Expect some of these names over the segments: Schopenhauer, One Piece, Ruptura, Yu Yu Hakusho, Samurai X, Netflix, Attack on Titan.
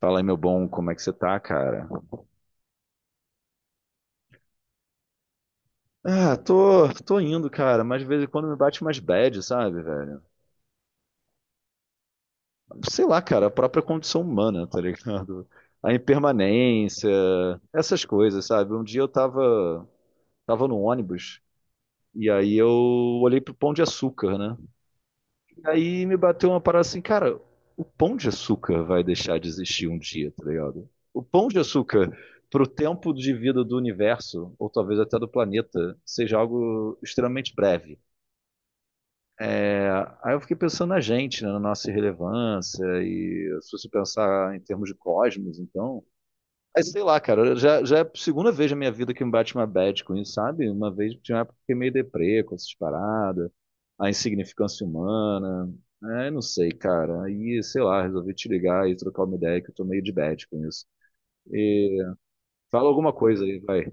Fala aí, meu bom, como é que você tá, cara? Ah, tô indo, cara, mas de vez em quando me bate umas bad, sabe, velho? Sei lá, cara, a própria condição humana, tá ligado? A impermanência, essas coisas, sabe? Um dia eu tava no ônibus e aí eu olhei pro Pão de Açúcar, né? E aí me bateu uma parada assim, cara, o pão de açúcar vai deixar de existir um dia, tá ligado? O pão de açúcar pro tempo de vida do universo, ou talvez até do planeta, seja algo extremamente breve. É, aí eu fiquei pensando na gente, né, na nossa irrelevância, e se você pensar em termos de cosmos, então, mas sei lá, cara, já é a segunda vez na minha vida que me bate uma bad com isso, sabe? Uma vez tinha uma época que fiquei meio deprê com essas paradas, a insignificância humana. É, não sei, cara. Aí, sei lá, resolvi te ligar e trocar uma ideia que eu tô meio de bad com isso. E fala alguma coisa aí, vai.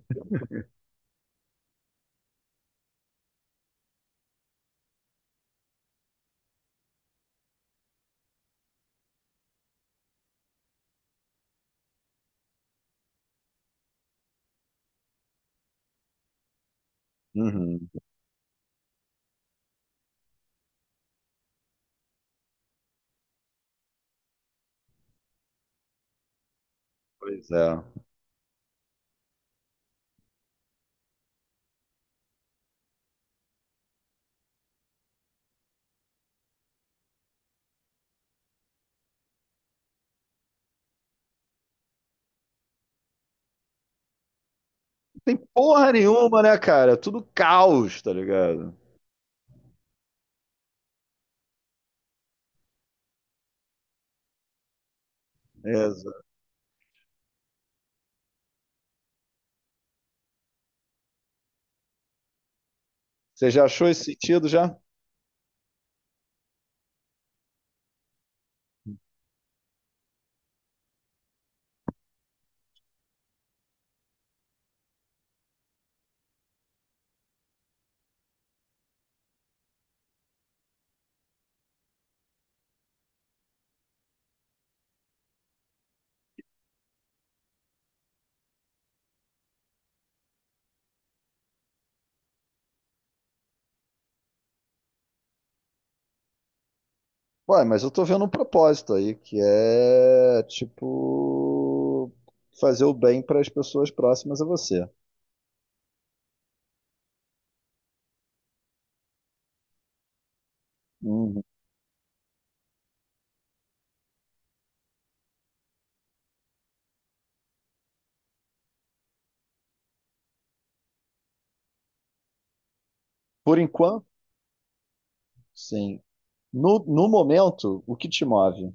Uhum, pois é. Não tem porra nenhuma, né, cara? Tudo caos, tá ligado? Exato. Você já achou esse sentido já? Ué, mas eu tô vendo um propósito aí, que é, tipo, fazer o bem para as pessoas próximas a você. Uhum. Por enquanto, sim. No momento, o que te move?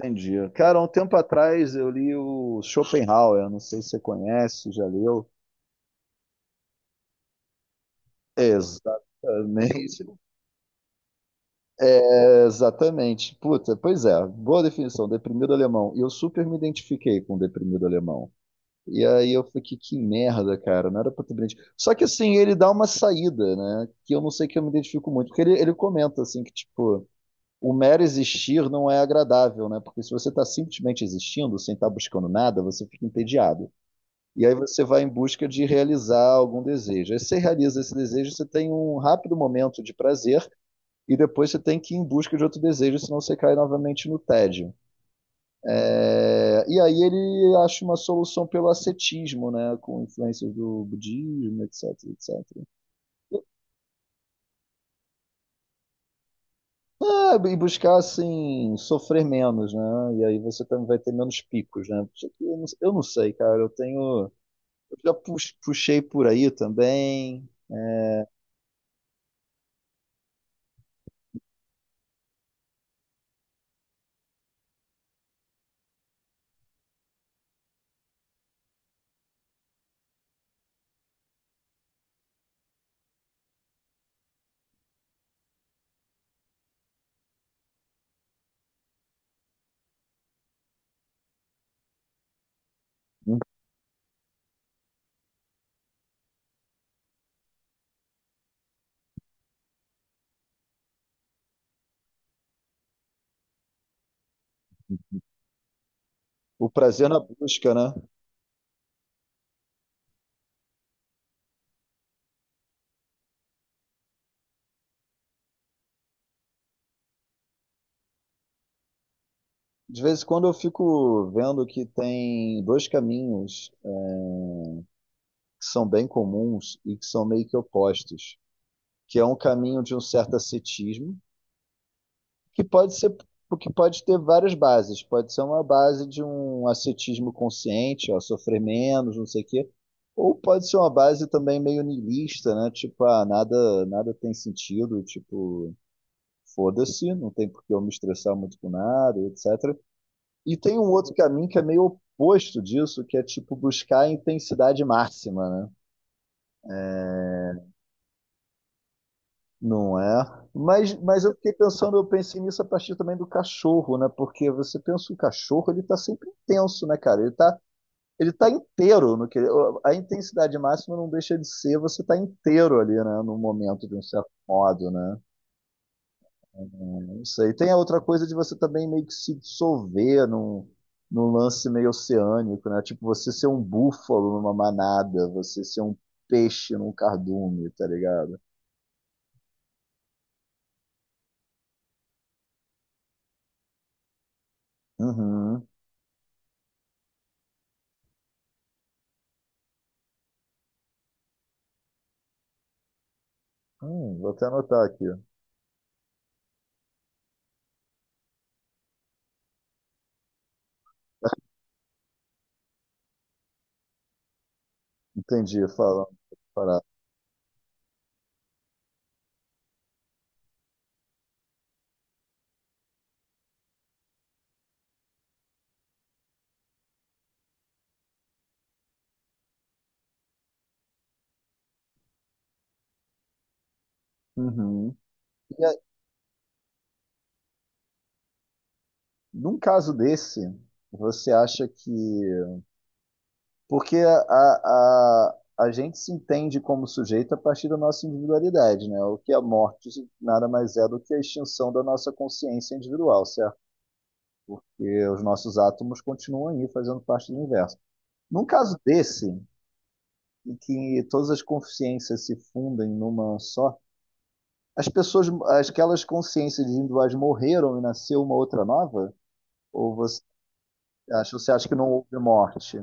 Entendi. Cara, há um tempo atrás eu li o Schopenhauer, não sei se você conhece, já leu. Exatamente. É, exatamente. Puta, pois é, boa definição, deprimido alemão. E eu super me identifiquei com o deprimido alemão. E aí eu fiquei, que merda, cara, não era pra ter brinde. Só que assim, ele dá uma saída, né? Que eu não sei que eu me identifico muito, porque ele comenta assim que, tipo, o mero existir não é agradável, né? Porque se você tá simplesmente existindo, sem estar buscando nada, você fica entediado. E aí você vai em busca de realizar algum desejo. Aí você realiza esse desejo, você tem um rápido momento de prazer, e depois você tem que ir em busca de outro desejo, senão você cai novamente no tédio. É, e aí ele acha uma solução pelo ascetismo, né, com influências do budismo, etc, etc. É, e buscar assim sofrer menos, né? E aí você também vai ter menos picos, né? Só que eu não sei, cara. Eu tenho, eu puxei por aí também. O prazer na busca, né? De vez em quando eu fico vendo que tem dois caminhos que são bem comuns e que são meio que opostos, que é um caminho de um certo ascetismo que que pode ter várias bases. Pode ser uma base de um ascetismo consciente, ó, sofrer menos, não sei o quê. Ou pode ser uma base também meio niilista, né? Tipo, ah, nada tem sentido, tipo, foda-se, não tem por que eu me estressar muito com nada, etc. E tem um outro caminho que é meio oposto disso, que é tipo buscar a intensidade máxima, né? Não é? Mas eu fiquei pensando, eu pensei nisso a partir também do cachorro, né? Porque você pensa o cachorro, ele tá sempre intenso, né, cara? Ele tá inteiro no que a intensidade máxima não deixa de ser, você tá inteiro ali, né, no momento de um certo modo, né? Não sei. Tem a outra coisa de você também meio que se dissolver num, num lance meio oceânico, né? Tipo você ser um búfalo numa manada, você ser um peixe num cardume, tá ligado? Uhum. Vou até anotar aqui. Entendi, falando separado. Uhum. E aí, num caso desse, você acha que. Porque a gente se entende como sujeito a partir da nossa individualidade, né? O que é a morte nada mais é do que a extinção da nossa consciência individual, certo? E os nossos átomos continuam aí fazendo parte do universo. Num caso desse, em que todas as consciências se fundem numa só, as pessoas, aquelas consciências individuais morreram e nasceu uma outra nova? Ou acha- Você acha que não houve morte?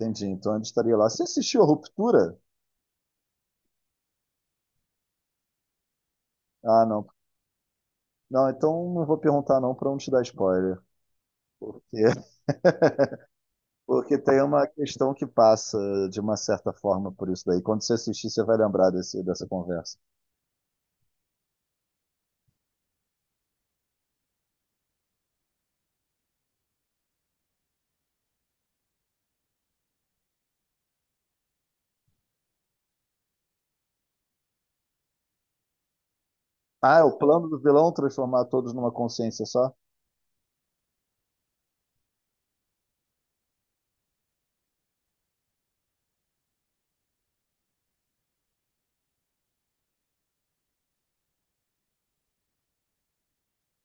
Entendi. Então ele estaria lá. Você assistiu a Ruptura? Ah, não. Não, então não vou perguntar não para não te dar spoiler. Porque, porque tem uma questão que passa de uma certa forma por isso daí. Quando você assistir, você vai lembrar dessa conversa. Ah, é o plano do vilão transformar todos numa consciência só?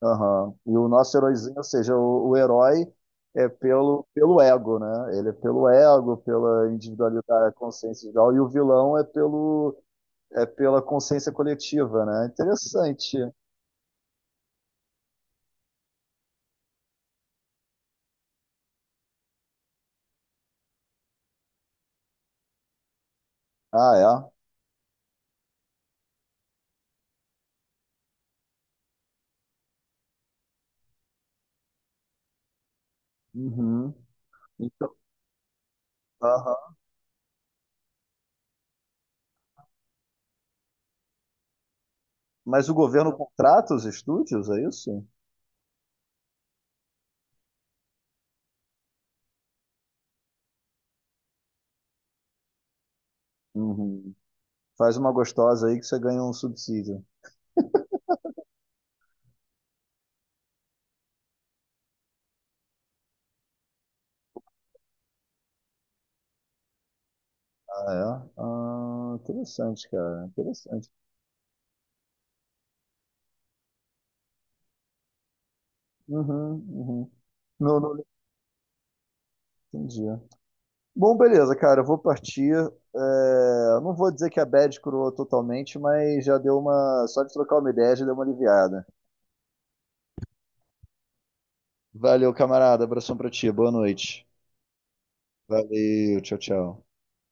Aham. E o nosso heróizinho, ou seja, o herói é pelo ego, né? Ele é pelo ego, pela individualidade, consciência individual, e o vilão é pelo é pela consciência coletiva, né? Interessante. Ah, é? Uhum. Então, aham. Mas o governo contrata os estúdios, é isso? Uhum. Faz uma gostosa aí que você ganha um subsídio. Ah, é? Ah, interessante, cara. Interessante. Uhum, uhum. Não entendi. Bom, beleza, cara. Eu vou partir. É, não vou dizer que a bad curou totalmente, mas já deu uma. Só de trocar uma ideia já deu uma aliviada. Valeu, camarada. Abração pra ti. Boa noite. Valeu, tchau, tchau.